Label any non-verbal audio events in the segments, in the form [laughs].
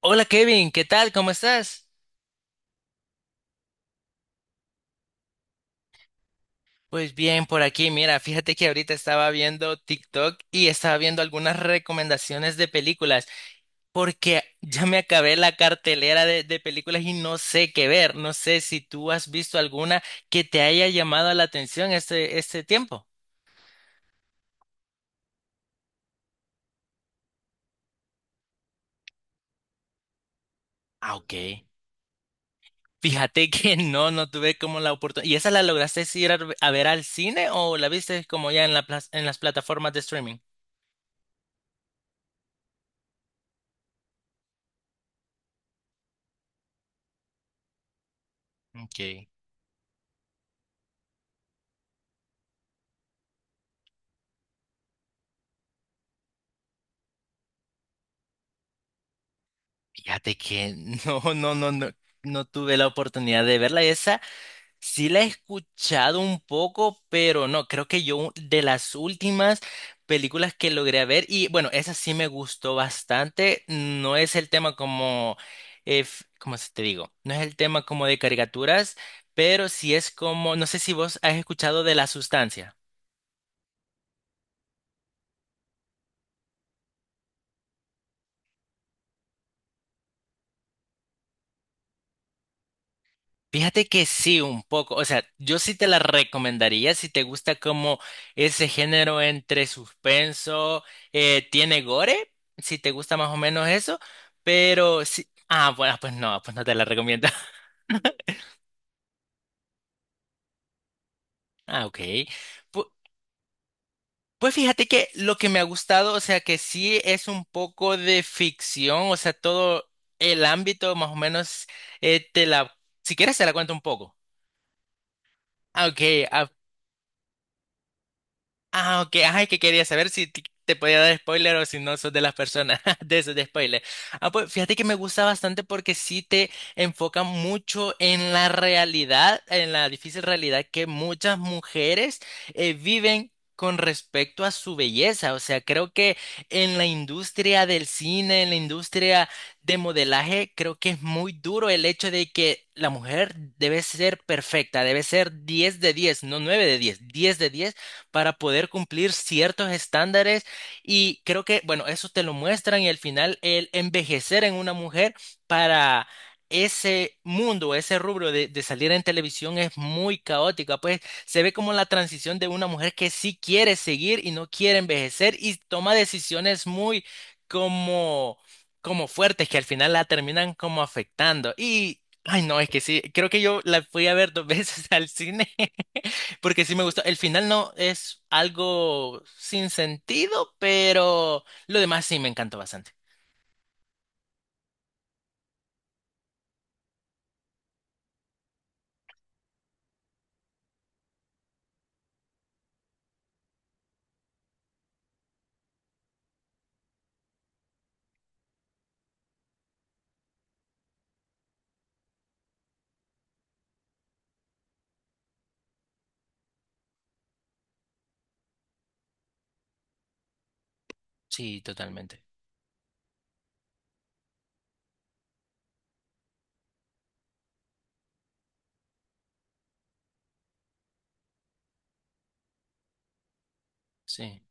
Hola Kevin, ¿qué tal? ¿Cómo estás? Pues bien, por aquí, mira, fíjate que ahorita estaba viendo TikTok y estaba viendo algunas recomendaciones de películas, porque ya me acabé la cartelera de películas y no sé qué ver. No sé si tú has visto alguna que te haya llamado la atención este tiempo. Ah, ok. Fíjate [laughs] que no tuve como la oportunidad. ¿Y esa la lograste ir a ver al cine o la viste como ya en las plataformas de streaming? Ok. Fíjate que [laughs] no, no, no, no, no tuve la oportunidad de verla. Esa sí la he escuchado un poco, pero no, creo que yo de las últimas películas que logré ver, y bueno, esa sí me gustó bastante. No es el tema como, ¿cómo se te digo? No es el tema como de caricaturas, pero sí es como, no sé si vos has escuchado de La Sustancia. Fíjate que sí, un poco. O sea, yo sí te la recomendaría si te gusta como ese género entre suspenso, tiene gore, si te gusta más o menos eso, pero sí. Ah, bueno, pues no te la recomiendo. [laughs] Ah, ok. Pu- Pues fíjate que lo que me ha gustado, o sea, que sí es un poco de ficción, o sea, todo el ámbito más o menos, eh, te la, si quieres te la cuento un poco. Ah, ok, ah, ok. Ajá, es que quería saber si te podía dar spoiler o si no sos de las personas [laughs] de esos de spoiler. Ah, pues fíjate que me gusta bastante porque sí te enfoca mucho en la realidad, en la difícil realidad que muchas mujeres viven. Con respecto a su belleza, o sea, creo que en la industria del cine, en la industria de modelaje, creo que es muy duro el hecho de que la mujer debe ser perfecta, debe ser 10 de 10, no 9 de 10, 10 de 10 para poder cumplir ciertos estándares y creo que, bueno, eso te lo muestran y al final el envejecer en una mujer para ese mundo, ese rubro de salir en televisión es muy caótica, pues se ve como la transición de una mujer que sí quiere seguir y no quiere envejecer y toma decisiones muy como, como fuertes que al final la terminan como afectando. Y, ay no, es que sí, creo que yo la fui a ver dos [laughs] veces al cine porque sí me gustó. El final no es algo sin sentido, pero lo demás sí me encantó bastante. Sí, totalmente. Sí.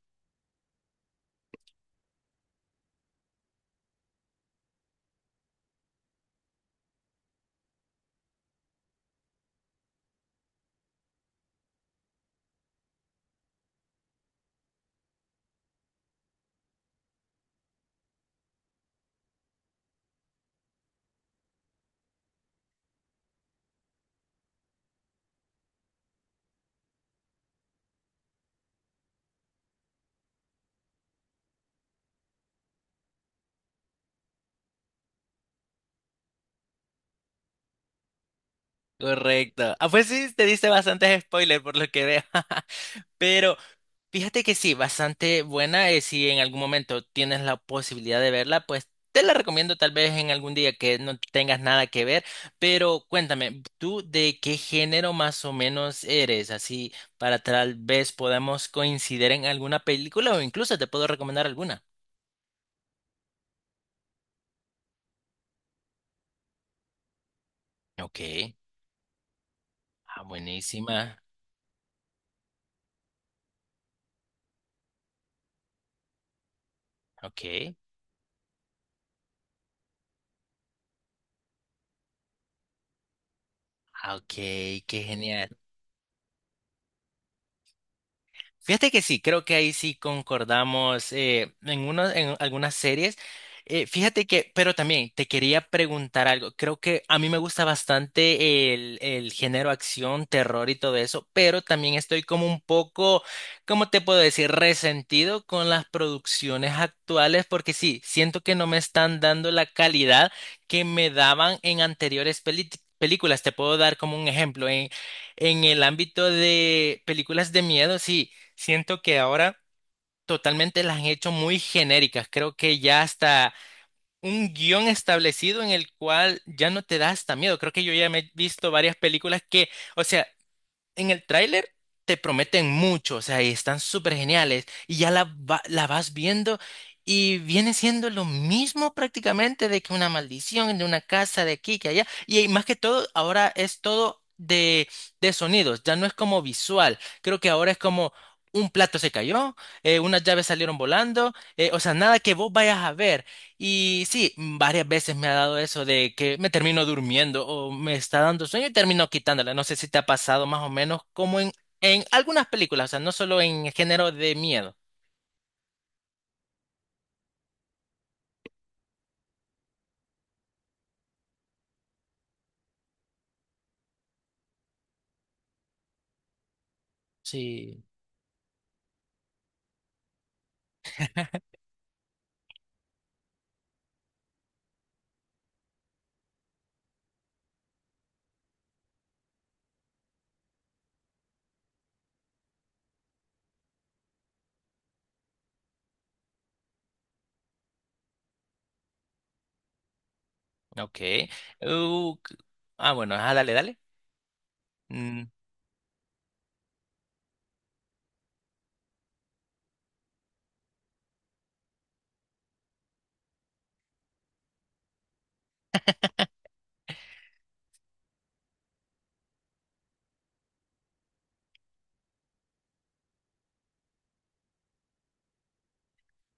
Correcto. Ah, pues sí, te diste bastantes spoilers por lo que veo. [laughs] Pero, fíjate que sí, bastante buena. Si en algún momento tienes la posibilidad de verla, pues te la recomiendo tal vez en algún día que no tengas nada que ver. Pero cuéntame, ¿tú de qué género más o menos eres? Así para tal vez podamos coincidir en alguna película o incluso te puedo recomendar alguna. Ok, buenísima. Ok, ok, qué genial. Fíjate que sí, creo que ahí sí concordamos, en algunas series. Fíjate que, pero también te quería preguntar algo. Creo que a mí me gusta bastante el género acción, terror y todo eso, pero también estoy como un poco, ¿cómo te puedo decir? Resentido con las producciones actuales porque sí, siento que no me están dando la calidad que me daban en anteriores películas. Te puedo dar como un ejemplo. En el ámbito de películas de miedo, sí. Siento que ahora totalmente las han hecho muy genéricas. Creo que ya hasta un guión establecido en el cual ya no te da hasta miedo. Creo que yo ya me he visto varias películas que, o sea, en el tráiler te prometen mucho, o sea, y están súper geniales, y la vas viendo y viene siendo lo mismo prácticamente de que una maldición, de una casa de aquí, que allá, y más que todo, ahora es todo de sonidos, ya no es como visual, creo que ahora es como... Un plato se cayó, unas llaves salieron volando, o sea, nada que vos vayas a ver, y sí, varias veces me ha dado eso de que me termino durmiendo o me está dando sueño y termino quitándola. No sé si te ha pasado más o menos como en algunas películas, o sea, no solo en género de miedo. Sí, ok. Uh, c- bueno, dale, dale. Mm,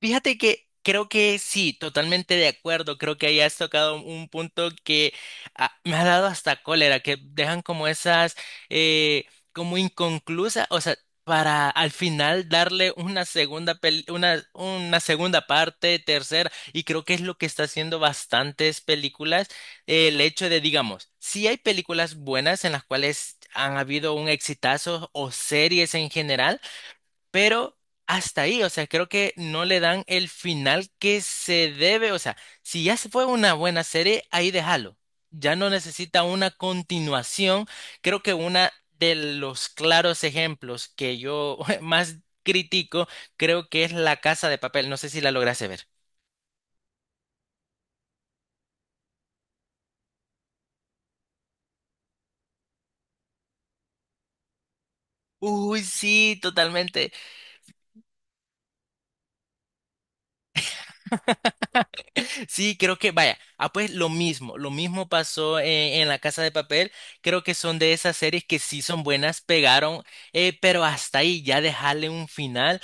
Fíjate que creo que sí, totalmente de acuerdo. Creo que ahí has tocado un punto que me ha dado hasta cólera, que dejan como esas, eh, como inconclusas, o sea, para al final darle una segunda parte, tercera, y creo que es lo que está haciendo bastantes películas, el hecho de, digamos, sí hay películas buenas en las cuales han habido un exitazo o series en general, pero hasta ahí, o sea, creo que no le dan el final que se debe, o sea, si ya se fue una buena serie, ahí déjalo. Ya no necesita una continuación. Creo que una de los claros ejemplos que yo [laughs] más critico, creo que es La Casa de Papel. No sé si la lograste ver. Uy, sí, totalmente. Sí, creo que, vaya, pues lo mismo pasó en La Casa de Papel, creo que son de esas series que sí son buenas, pegaron, pero hasta ahí ya dejarle un final,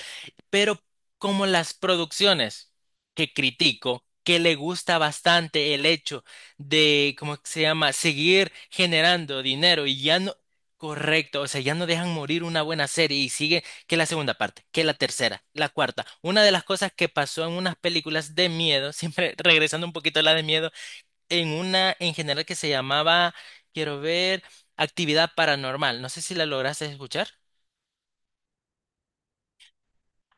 pero como las producciones que critico, que le gusta bastante el hecho de, ¿cómo se llama?, seguir generando dinero y ya no... Correcto, o sea, ya no dejan morir una buena serie y sigue que la segunda parte, que la tercera, la cuarta. Una de las cosas que pasó en unas películas de miedo, [laughs] siempre regresando un poquito a la de miedo, en una en general que se llamaba, quiero ver, Actividad Paranormal. No sé si la lograste escuchar.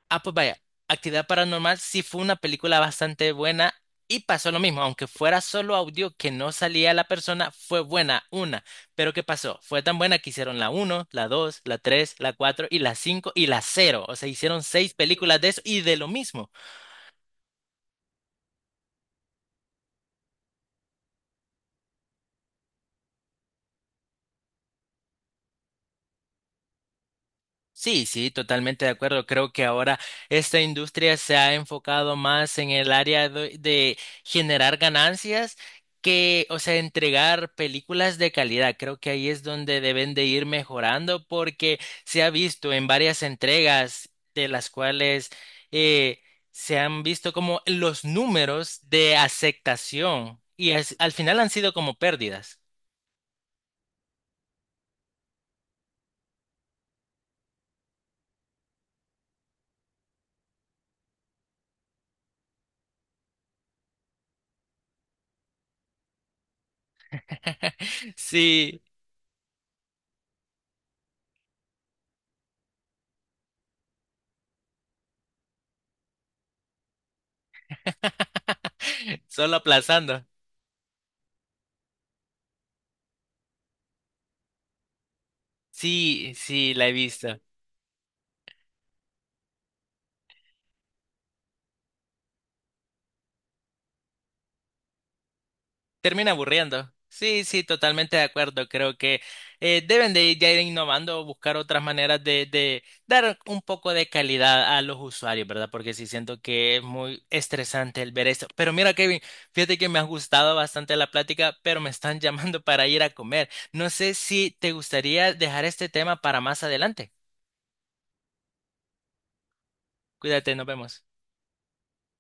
Ah, pues vaya, Actividad Paranormal sí fue una película bastante buena y pasó lo mismo, aunque fuera solo audio que no salía la persona, fue buena una. Pero ¿qué pasó? Fue tan buena que hicieron la uno, la 2, la 3, la 4 y la 5 y la cero. O sea, hicieron seis películas de eso y de lo mismo. Sí, sí, totalmente de acuerdo. Creo que ahora esta industria se ha enfocado más en el área de generar ganancias que, o sea, entregar películas de calidad. Creo que ahí es donde deben de ir mejorando porque se ha visto en varias entregas de las cuales eh, se han visto como los números de aceptación y al final han sido como pérdidas. [laughs] Sí, [laughs] solo aplazando. Sí, sí, la he visto. Termina aburriendo. Sí, sí, totalmente de acuerdo. Creo que deben de ya ir innovando, buscar otras maneras de dar un poco de calidad a los usuarios, ¿verdad? Porque sí siento que es muy estresante el ver esto. Pero mira, Kevin, fíjate que me ha gustado bastante la plática, pero me están [laughs] llamando para ir a comer. No sé si te gustaría dejar este tema para más adelante. Cuídate, nos vemos.